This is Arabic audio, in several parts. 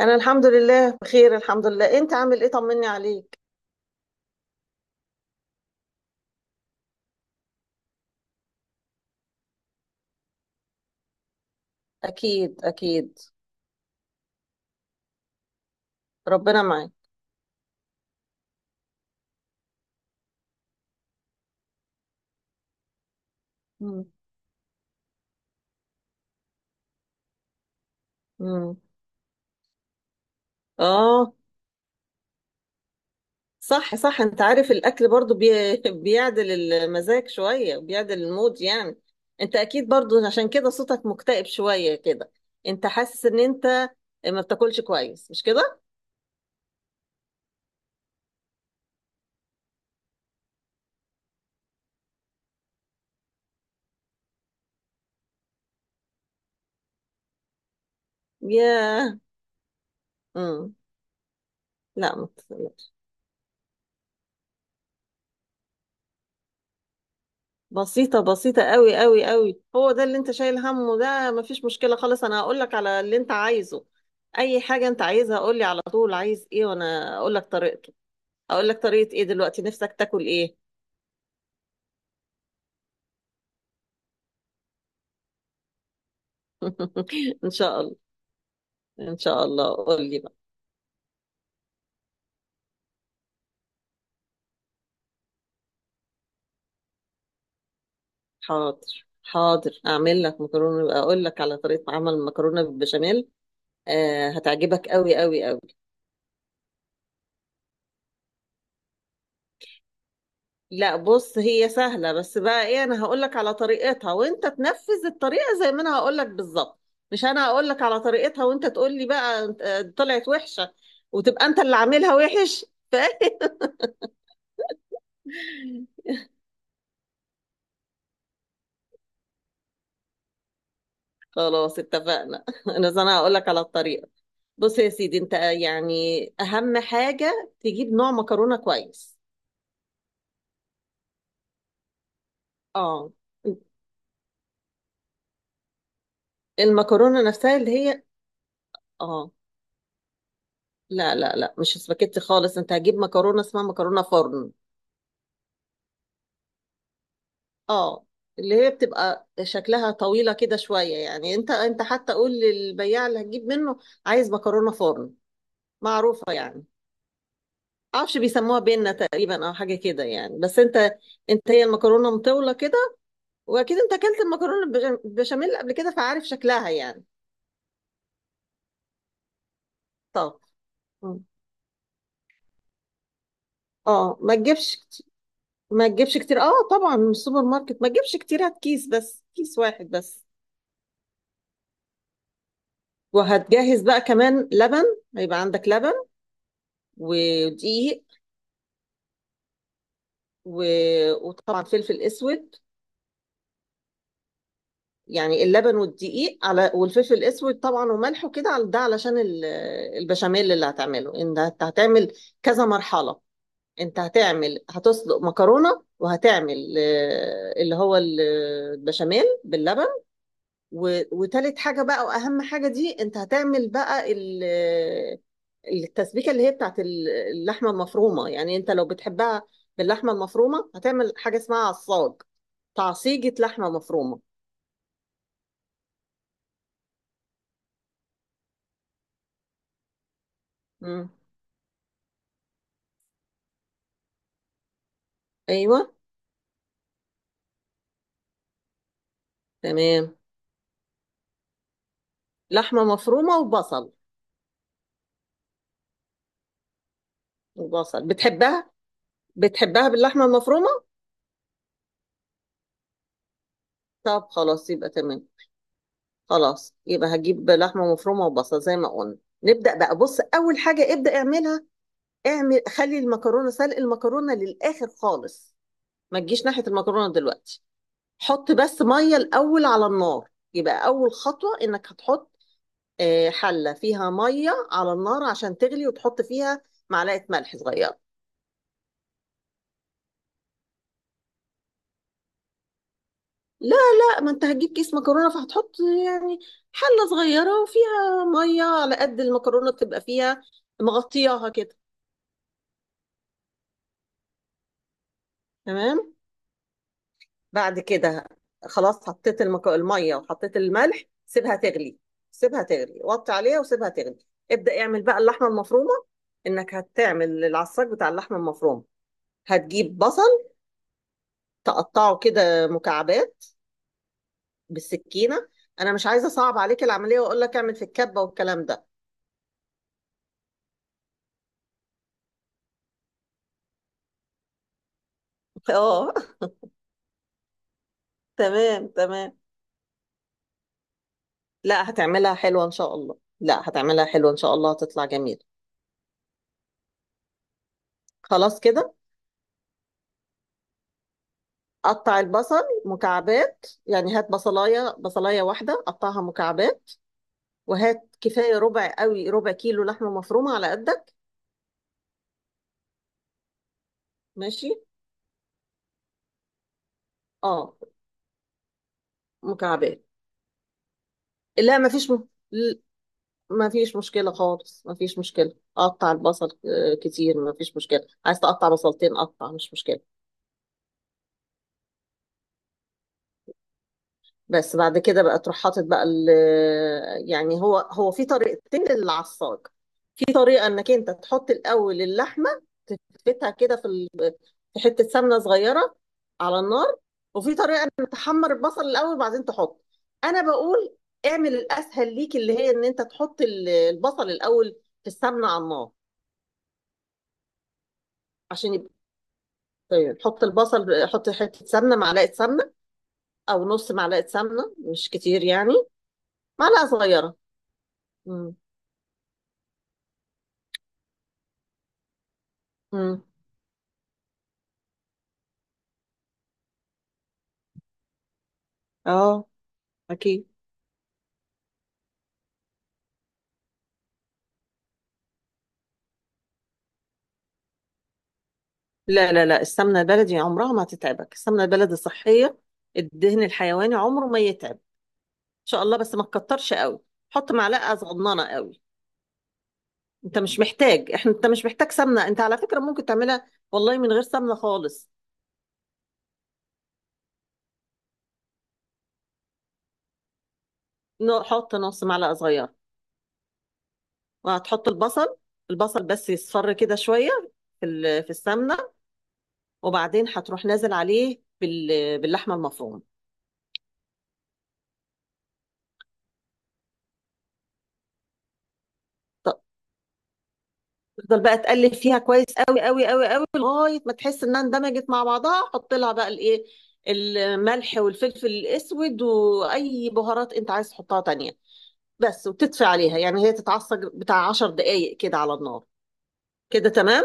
انا الحمد لله بخير، الحمد لله. انت عامل ايه؟ طمني عليك. اكيد اكيد. ربنا معاك. مم. مم. اه. صح صح، انت عارف الاكل برضو بيعدل المزاج شوية، بيعدل المود يعني. انت اكيد برضو، عشان كده صوتك مكتئب شوية كده. انت حاسس ان انت ما بتاكلش كويس، مش كده؟ يا مم. لا، ما تقلقش. بسيطة بسيطة، قوي قوي قوي، هو ده اللي انت شايل همه. ده مفيش مشكلة خالص. انا هقول لك على اللي انت عايزه. اي حاجة انت عايزها قول لي على طول، عايز ايه وانا اقول لك طريقته. اقول لك طريقة ايه؟ دلوقتي نفسك تاكل ايه؟ ان شاء الله. ان شاء الله، قول لي بقى. حاضر حاضر، اعمل لك مكرونة. اقول لك على طريقة عمل المكرونة بالبشاميل. آه، هتعجبك قوي قوي قوي. لا، بص، هي سهلة بس. بقى ايه، انا هقولك على طريقتها وانت تنفذ الطريقة زي ما انا هقولك بالظبط. مش انا هقولك على طريقتها وانت تقولي بقى طلعت وحشة. وتبقى انت اللي عاملها وحش. ف- خلاص اتفقنا. انا هقولك على الطريقة. بص يا سيدي، انت يعني اهم حاجة تجيب نوع مكرونة كويس. اه. المكرونة نفسها اللي هي. اه. لا، لا، لا، مش سباكيتي خالص. انت هتجيب مكرونة اسمها مكرونة فرن. اه. اللي هي بتبقى شكلها طويلة كده شوية يعني، انت حتى قول للبياع اللي هتجيب منه، عايز مكرونة فرن. معروفة يعني. معرفش بيسموها بينا تقريبا او حاجة كده يعني. بس انت هي المكرونة مطولة كده. واكيد انت اكلت المكرونة بالبشاميل قبل كده، فعارف شكلها يعني. طب. مم. اه، ما تجيبش كتير. ما تجيبش كتير، اه طبعا من السوبر ماركت. ما تجيبش كتير، هات كيس بس، كيس واحد بس. وهتجهز بقى كمان لبن. هيبقى عندك لبن ودقيق و... وطبعا فلفل اسود. يعني اللبن والدقيق على والفلفل الاسود طبعا وملح وكده، على ده علشان البشاميل اللي هتعمله، انت هتعمل كذا مرحلة. انت هتعمل هتسلق مكرونة، وهتعمل اللي هو البشاميل باللبن. و... وتالت حاجة بقى، وأهم حاجة دي، أنت هتعمل بقى التسبيكة اللي هي بتاعت اللحمة المفرومة. يعني أنت لو بتحبها باللحمة المفرومة، هتعمل حاجة اسمها عصاج، تعصيجة لحمة مفرومة. مم. أيوة. تمام. لحمة مفرومة وبصل. وبصل، بتحبها باللحمة المفرومة؟ طب خلاص، يبقى تمام. خلاص يبقى هجيب لحمة مفرومة وبصل زي ما قلنا. نبدأ بقى. بص، أول حاجة ابدأ اعملها، خلي المكرونه، سلق المكرونه للاخر خالص. ما تجيش ناحيه المكرونه دلوقتي. حط بس ميه الاول على النار. يبقى اول خطوه انك هتحط حله فيها ميه على النار عشان تغلي، وتحط فيها معلقه ملح صغيره. لا لا، ما انت هتجيب كيس مكرونه فهتحط يعني حله صغيره وفيها ميه على قد المكرونه تبقى فيها، مغطياها كده. تمام. بعد كده، خلاص، حطيت الميه وحطيت الملح، سيبها تغلي. سيبها تغلي، وطي عليها وسيبها تغلي. ابدأ اعمل بقى اللحمه المفرومه، انك هتعمل العصاج بتاع اللحمه المفرومه. هتجيب بصل، تقطعه كده مكعبات بالسكينه. انا مش عايزه اصعب عليك العمليه واقول لك اعمل في الكبه والكلام ده. اه. تمام تمام. لا، هتعملها حلوه ان شاء الله. لا، هتعملها حلوه ان شاء الله، هتطلع جميل. خلاص كده. قطع البصل مكعبات يعني، هات بصلايه، بصلايه واحده، قطعها مكعبات. وهات كفايه، ربع قوي، ربع كيلو لحمه مفرومه على قدك. ماشي. اه، مكعبات. لا، ما فيش ما فيش مشكله خالص، ما فيش مشكله. قطع البصل كتير، ما فيش مشكله. عايز تقطع بصلتين، قطع، مش مشكله. بس بعد كده بقى تروح حاطط بقى يعني هو في طريقتين للعصاج. في طريقه انك انت تحط الاول اللحمه، تفتها كده في حتة سمنة صغيرة على النار. وفي طريقة انك تحمر البصل الاول وبعدين تحط. انا بقول اعمل الاسهل ليك، اللي هي ان انت تحط البصل الاول في السمنة على النار عشان يبقى. طيب، حط البصل، حط حتة سمنة، معلقة سمنة، او نص معلقة سمنة، مش كتير يعني. معلقة صغيرة. امم. امم. اه، اكيد. لا، لا، لا، السمنة البلدي عمرها ما هتتعبك. السمنة البلدي صحية. الدهن الحيواني عمره ما يتعب شاء الله. بس ما تكترش قوي. حط معلقه صغننه قوي. انت مش محتاج سمنه. انت على فكره ممكن تعملها والله من غير سمنه خالص. حط نص معلقه صغيره. وهتحط البصل. البصل بس يصفر كده شويه في في السمنه، وبعدين هتروح نازل عليه باللحمه المفرومه. ط- تفضل بقى تقلب فيها كويس، قوي قوي قوي قوي، لغايه ما تحس انها اندمجت مع بعضها. حط لها بقى الايه، الملح والفلفل الاسود واي بهارات انت عايز تحطها تانية. بس، وتطفي عليها يعني، هي تتعصج بتاع 10 دقايق كده على النار. كده تمام.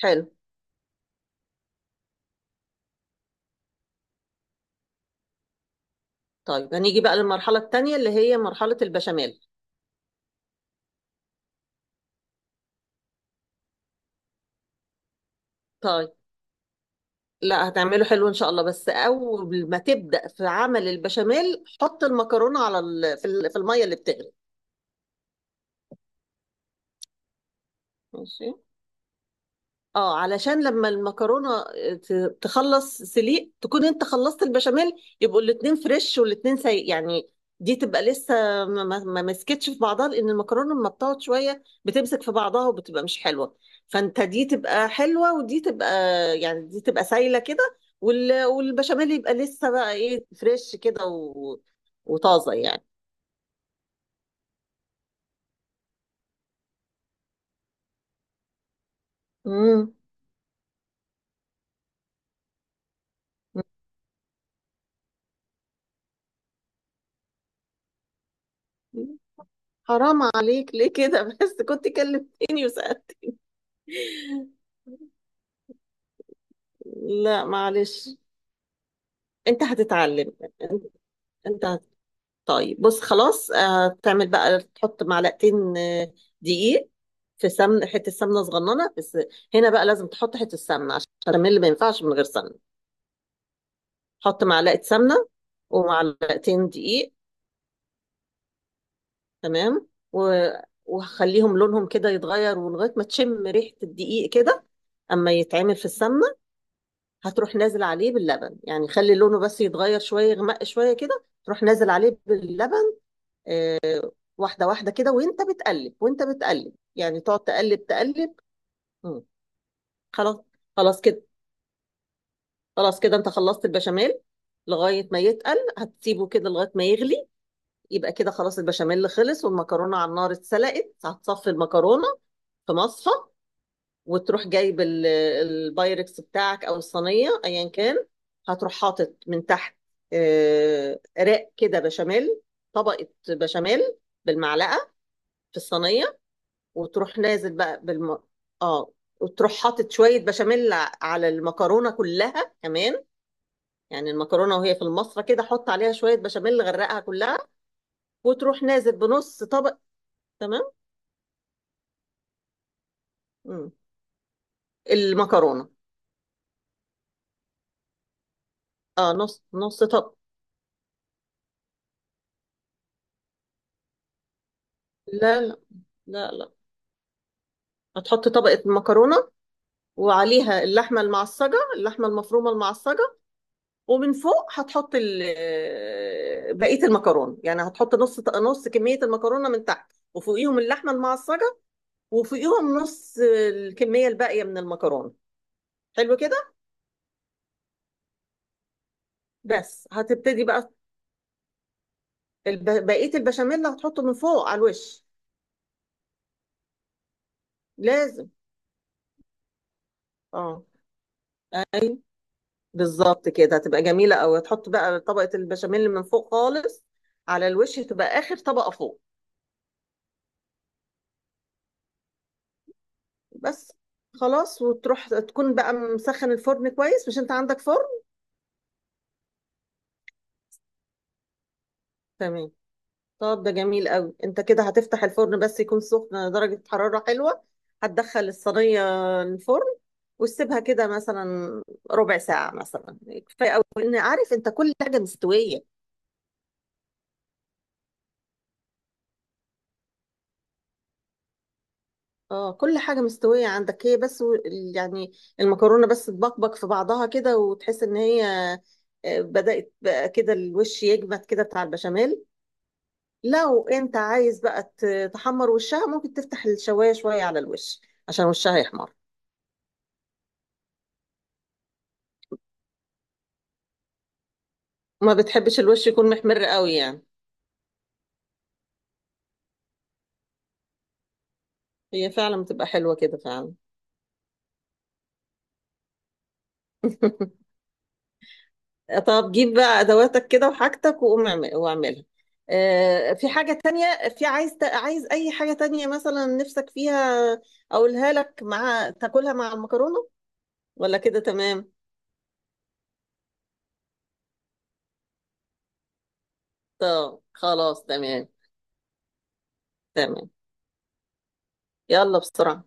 حلو. طيب، هنيجي بقى للمرحلة التانية، اللي هي مرحلة البشاميل. طيب. لا، هتعمله حلو ان شاء الله. بس اول ما تبدأ في عمل البشاميل، حط المكرونة على في المية اللي بتغلي. ماشي. اه، علشان لما المكرونه تخلص سليق، تكون انت خلصت البشاميل. يبقوا الاتنين فريش والاتنين سي يعني. دي تبقى لسه، ما مسكتش في بعضها، لان المكرونه لما بتقعد شويه بتمسك في بعضها وبتبقى مش حلوه. فانت دي تبقى حلوه، ودي تبقى، يعني دي تبقى سايله كده، والبشاميل يبقى لسه بقى ايه فريش كده وطازه يعني. امم. حرام عليك، ليه كده؟ بس كنت كلمتني وسألت. لا، معلش. انت هتتعلم. انت هت... طيب بص خلاص، تعمل بقى، تحط معلقتين دقيق في سمن، حته سمنه صغننه بس. هنا بقى لازم تحط حته سمنه، عشان البشاميل ما ينفعش من غير سمنه. حط معلقه سمنه ومعلقتين دقيق. تمام وخليهم لونهم كده يتغير، ولغايه ما تشم ريحه الدقيق كده اما يتعمل في السمنه. هتروح نازل عليه باللبن، يعني خلي لونه بس يتغير شويه، يغمق شويه كده، تروح نازل عليه باللبن، واحدة واحدة كده، وانت بتقلب، وانت بتقلب يعني، تقعد تقلب تقلب. مم. خلاص. خلاص كده. خلاص كده انت خلصت البشاميل. لغاية ما يتقل، هتسيبه كده لغاية ما يغلي. يبقى كده خلاص، البشاميل خلص والمكرونة على النار اتسلقت. هتصفي المكرونة في مصفى، وتروح جايب البايركس بتاعك او الصينية، ايا كان. هتروح حاطط من تحت رق كده بشاميل، طبقة بشاميل، بالمعلقة، في الصينية. وتروح نازل بقى اه وتروح حاطط شوية بشاميل على المكرونة كلها كمان. يعني المكرونة وهي في المصفى كده، حط عليها شوية بشاميل غرقها كلها. وتروح نازل بنص طبق. تمام. مم. المكرونة. اه، نص نص طبق. لا، لا، لا، لا، هتحط طبقة مكرونة، وعليها اللحمة المعصجة، اللحمة المفرومة المعصجة. ومن فوق هتحط بقية المكرونة. يعني هتحط نص نص كمية المكرونة من تحت، وفوقيهم اللحمة المعصجة، وفوقيهم نص الكمية الباقية من المكرونة. حلو كده. بس هتبتدي بقى بقية البشاميل اللي هتحطه من فوق على الوش. لازم. اه. اي، بالظبط كده هتبقى جميلة أوي. هتحط بقى طبقة البشاميل من فوق خالص، على الوش، هتبقى آخر طبقة فوق. بس. خلاص، وتروح تكون بقى مسخن الفرن كويس، مش انت عندك فرن؟ تمام. طب ده جميل قوي. انت كده هتفتح الفرن بس يكون سخن، درجة حرارة حلوة. هتدخل الصينية الفرن، وتسيبها كده مثلا ربع ساعة مثلا، كفاية قوي، لان عارف انت كل حاجة مستوية. اه، كل حاجة مستوية عندك هي بس يعني المكرونة بس تبقبق في بعضها كده، وتحس ان هي بدأت بقى كده الوش يجمد كده بتاع البشاميل. لو انت عايز بقى تحمر وشها، ممكن تفتح الشواية شوية على الوش عشان وشها يحمر. ما بتحبش الوش يكون محمر قوي يعني؟ هي فعلا بتبقى حلوة كده فعلا. طب، جيب بقى ادواتك كده وحاجتك، وقوم واعملها. في حاجة تانية؟ عايز اي حاجة تانية مثلا نفسك فيها، اقولها لك، مع تاكلها مع المكرونة؟ ولا كده تمام؟ طب خلاص تمام. تمام. يلا بسرعة.